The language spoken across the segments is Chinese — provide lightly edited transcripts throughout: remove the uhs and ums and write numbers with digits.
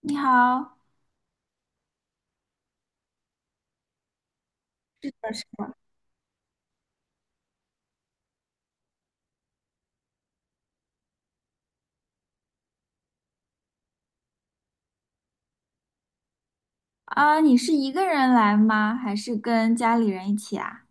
你好，是的，是的。你是一个人来吗？还是跟家里人一起啊？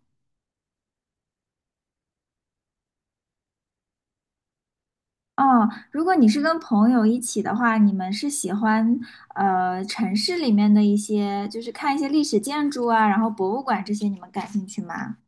哦，如果你是跟朋友一起的话，你们是喜欢城市里面的一些，就是看一些历史建筑啊，然后博物馆这些，你们感兴趣吗？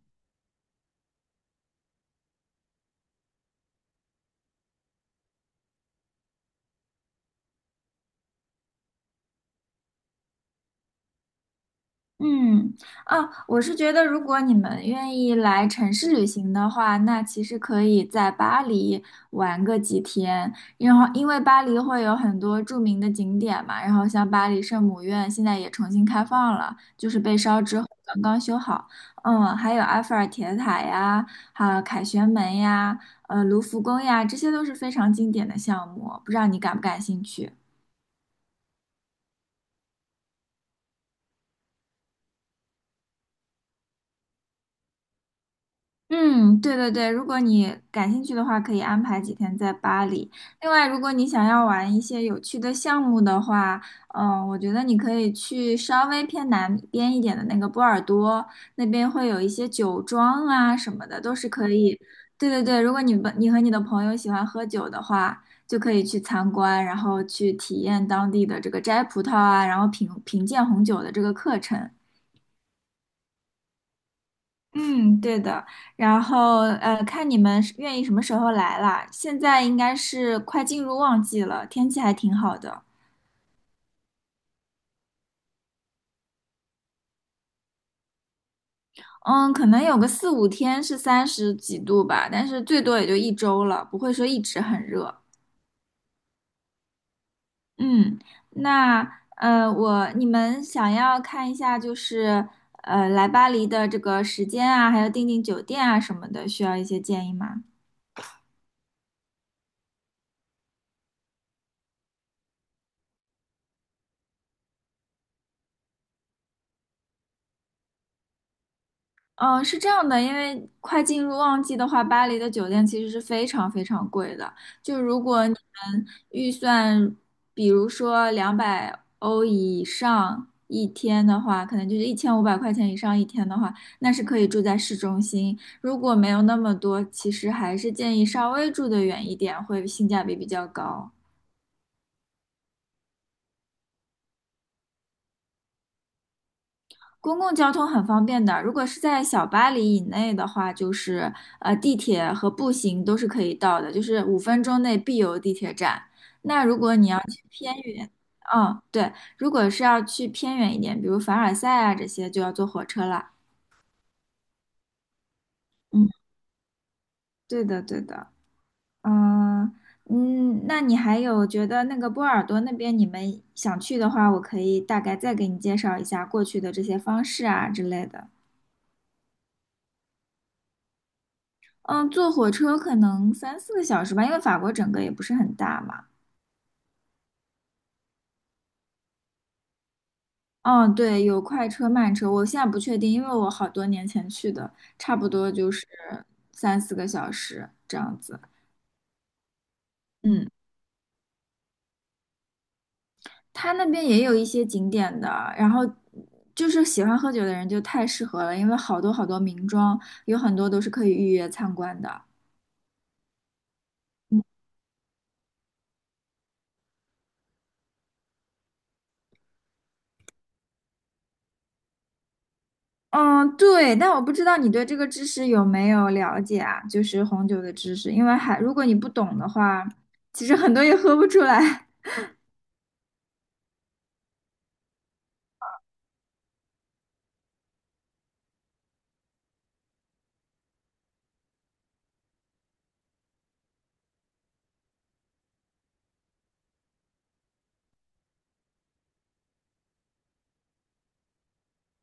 嗯。啊，我是觉得，如果你们愿意来城市旅行的话，那其实可以在巴黎玩个几天，然后因为巴黎会有很多著名的景点嘛，然后像巴黎圣母院现在也重新开放了，就是被烧之后刚刚修好。嗯，还有埃菲尔铁塔呀，还有凯旋门呀，卢浮宫呀，这些都是非常经典的项目，不知道你感不感兴趣？嗯，对对对，如果你感兴趣的话，可以安排几天在巴黎。另外，如果你想要玩一些有趣的项目的话，我觉得你可以去稍微偏南边一点的那个波尔多，那边会有一些酒庄啊什么的，都是可以。对对对，如果你和你的朋友喜欢喝酒的话，就可以去参观，然后去体验当地的这个摘葡萄啊，然后品鉴红酒的这个课程。嗯，对的。然后看你们是愿意什么时候来啦。现在应该是快进入旺季了，天气还挺好的。嗯，可能有个四五天是三十几度吧，但是最多也就一周了，不会说一直很热。嗯，那你们想要看一下就是来巴黎的这个时间啊，还有订酒店啊什么的，需要一些建议吗？嗯，是这样的，因为快进入旺季的话，巴黎的酒店其实是非常非常贵的。就如果你们预算，比如说200欧以上一天的话，可能就是1500块钱以上一天的话，那是可以住在市中心。如果没有那么多，其实还是建议稍微住得远一点，会性价比比较高。公共交通很方便的，如果是在小巴黎以内的话，就是地铁和步行都是可以到的，就是5分钟内必有地铁站。那如果你要去偏远。嗯，对，如果是要去偏远一点，比如凡尔赛啊这些，就要坐火车了。嗯，对的，对的。嗯嗯，那你还有觉得那个波尔多那边你们想去的话，我可以大概再给你介绍一下过去的这些方式啊之类的。嗯，坐火车可能三四个小时吧，因为法国整个也不是很大嘛。嗯，对，有快车、慢车，我现在不确定，因为我好多年前去的，差不多就是三四个小时这样子。嗯，他那边也有一些景点的，然后就是喜欢喝酒的人就太适合了，因为好多好多名庄，有很多都是可以预约参观的。嗯，对，但我不知道你对这个知识有没有了解啊？就是红酒的知识，因为还如果你不懂的话，其实很多也喝不出来。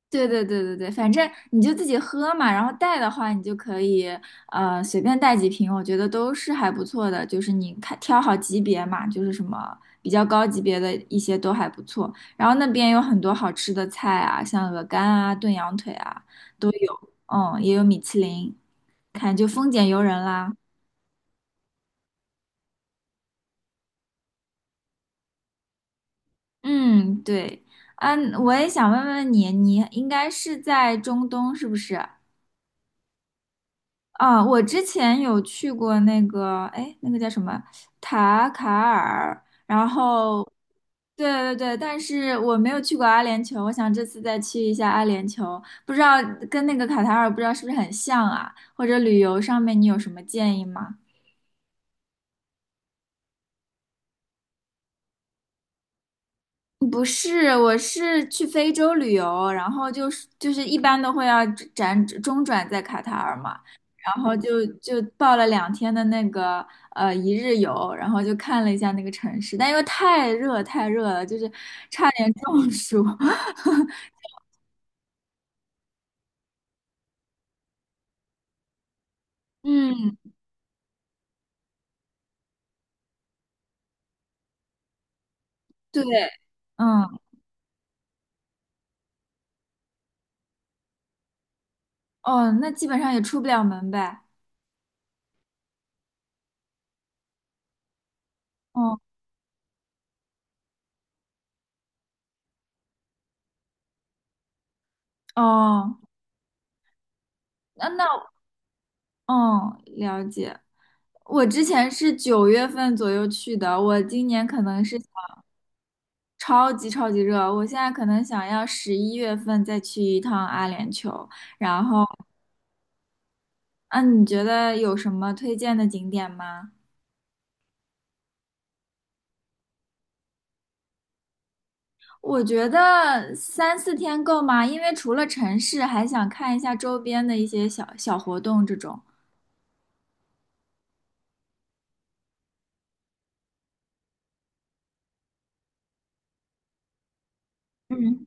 对对对对对，反正你就自己喝嘛，然后带的话，你就可以随便带几瓶，我觉得都是还不错的。就是你看挑好级别嘛，就是什么比较高级别的一些都还不错。然后那边有很多好吃的菜啊，像鹅肝啊、炖羊腿啊都有，嗯，也有米其林，看就丰俭由人啦。嗯，对。嗯，我也想问问你，你应该是在中东是不是？我之前有去过那个，哎，那个叫什么塔卡尔，然后，对对对，但是我没有去过阿联酋，我想这次再去一下阿联酋，不知道跟那个卡塔尔不知道是不是很像啊？或者旅游上面你有什么建议吗？不是，我是去非洲旅游，然后就是一般都会要中转在卡塔尔嘛，然后就报了2天的那个一日游，然后就看了一下那个城市，但因为太热太热了，就是差点中暑。嗯，对。嗯，哦，那基本上也出不了门呗。哦哦，那那哦，了解。我之前是九月份左右去的，我今年可能是。超级超级热，我现在可能想要十一月份再去一趟阿联酋。然后，嗯，你觉得有什么推荐的景点吗？我觉得三四天够吗？因为除了城市，还想看一下周边的一些小活动这种。嗯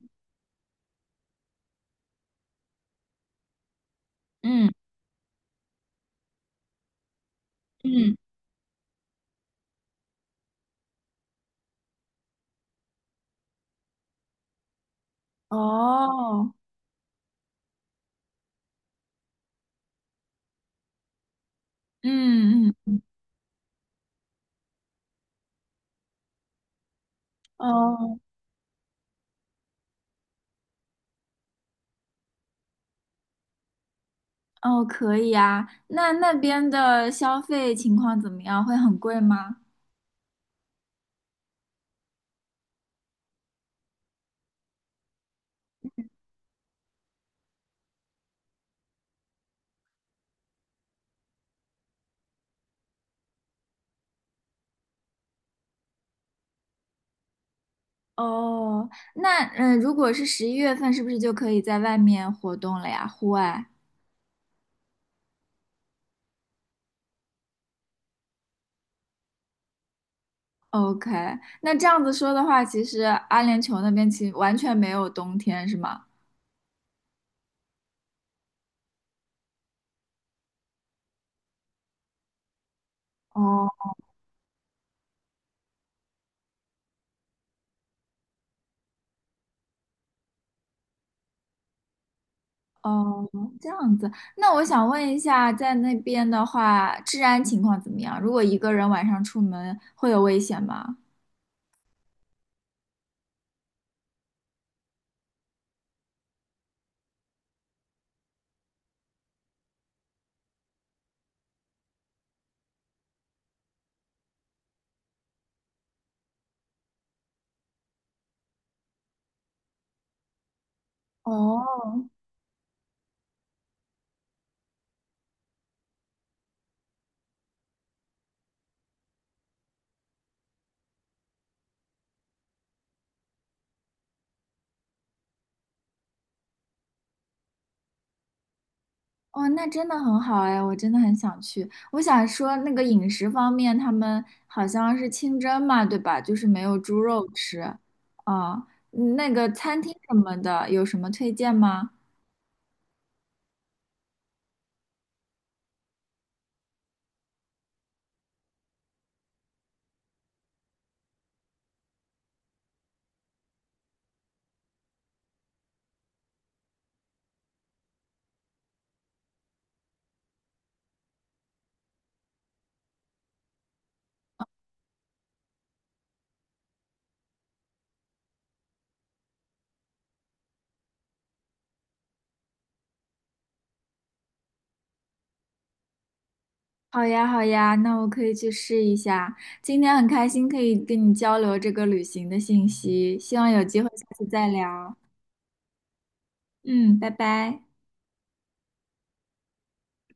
嗯嗯，哦，嗯嗯，哦哦，可以啊。那那边的消费情况怎么样？会很贵吗？哦，那如果是十一月份，是不是就可以在外面活动了呀？户外？OK，那这样子说的话，其实阿联酋那边其实完全没有冬天，是吗？哦哦，这样子。那我想问一下，在那边的话，治安情况怎么样？如果一个人晚上出门，会有危险吗？哦哦，那真的很好哎，我真的很想去。我想说，那个饮食方面，他们好像是清真嘛，对吧？就是没有猪肉吃。啊、那个餐厅什么的，有什么推荐吗？好呀，好呀，那我可以去试一下。今天很开心可以跟你交流这个旅行的信息，希望有机会下次再聊。嗯，拜拜。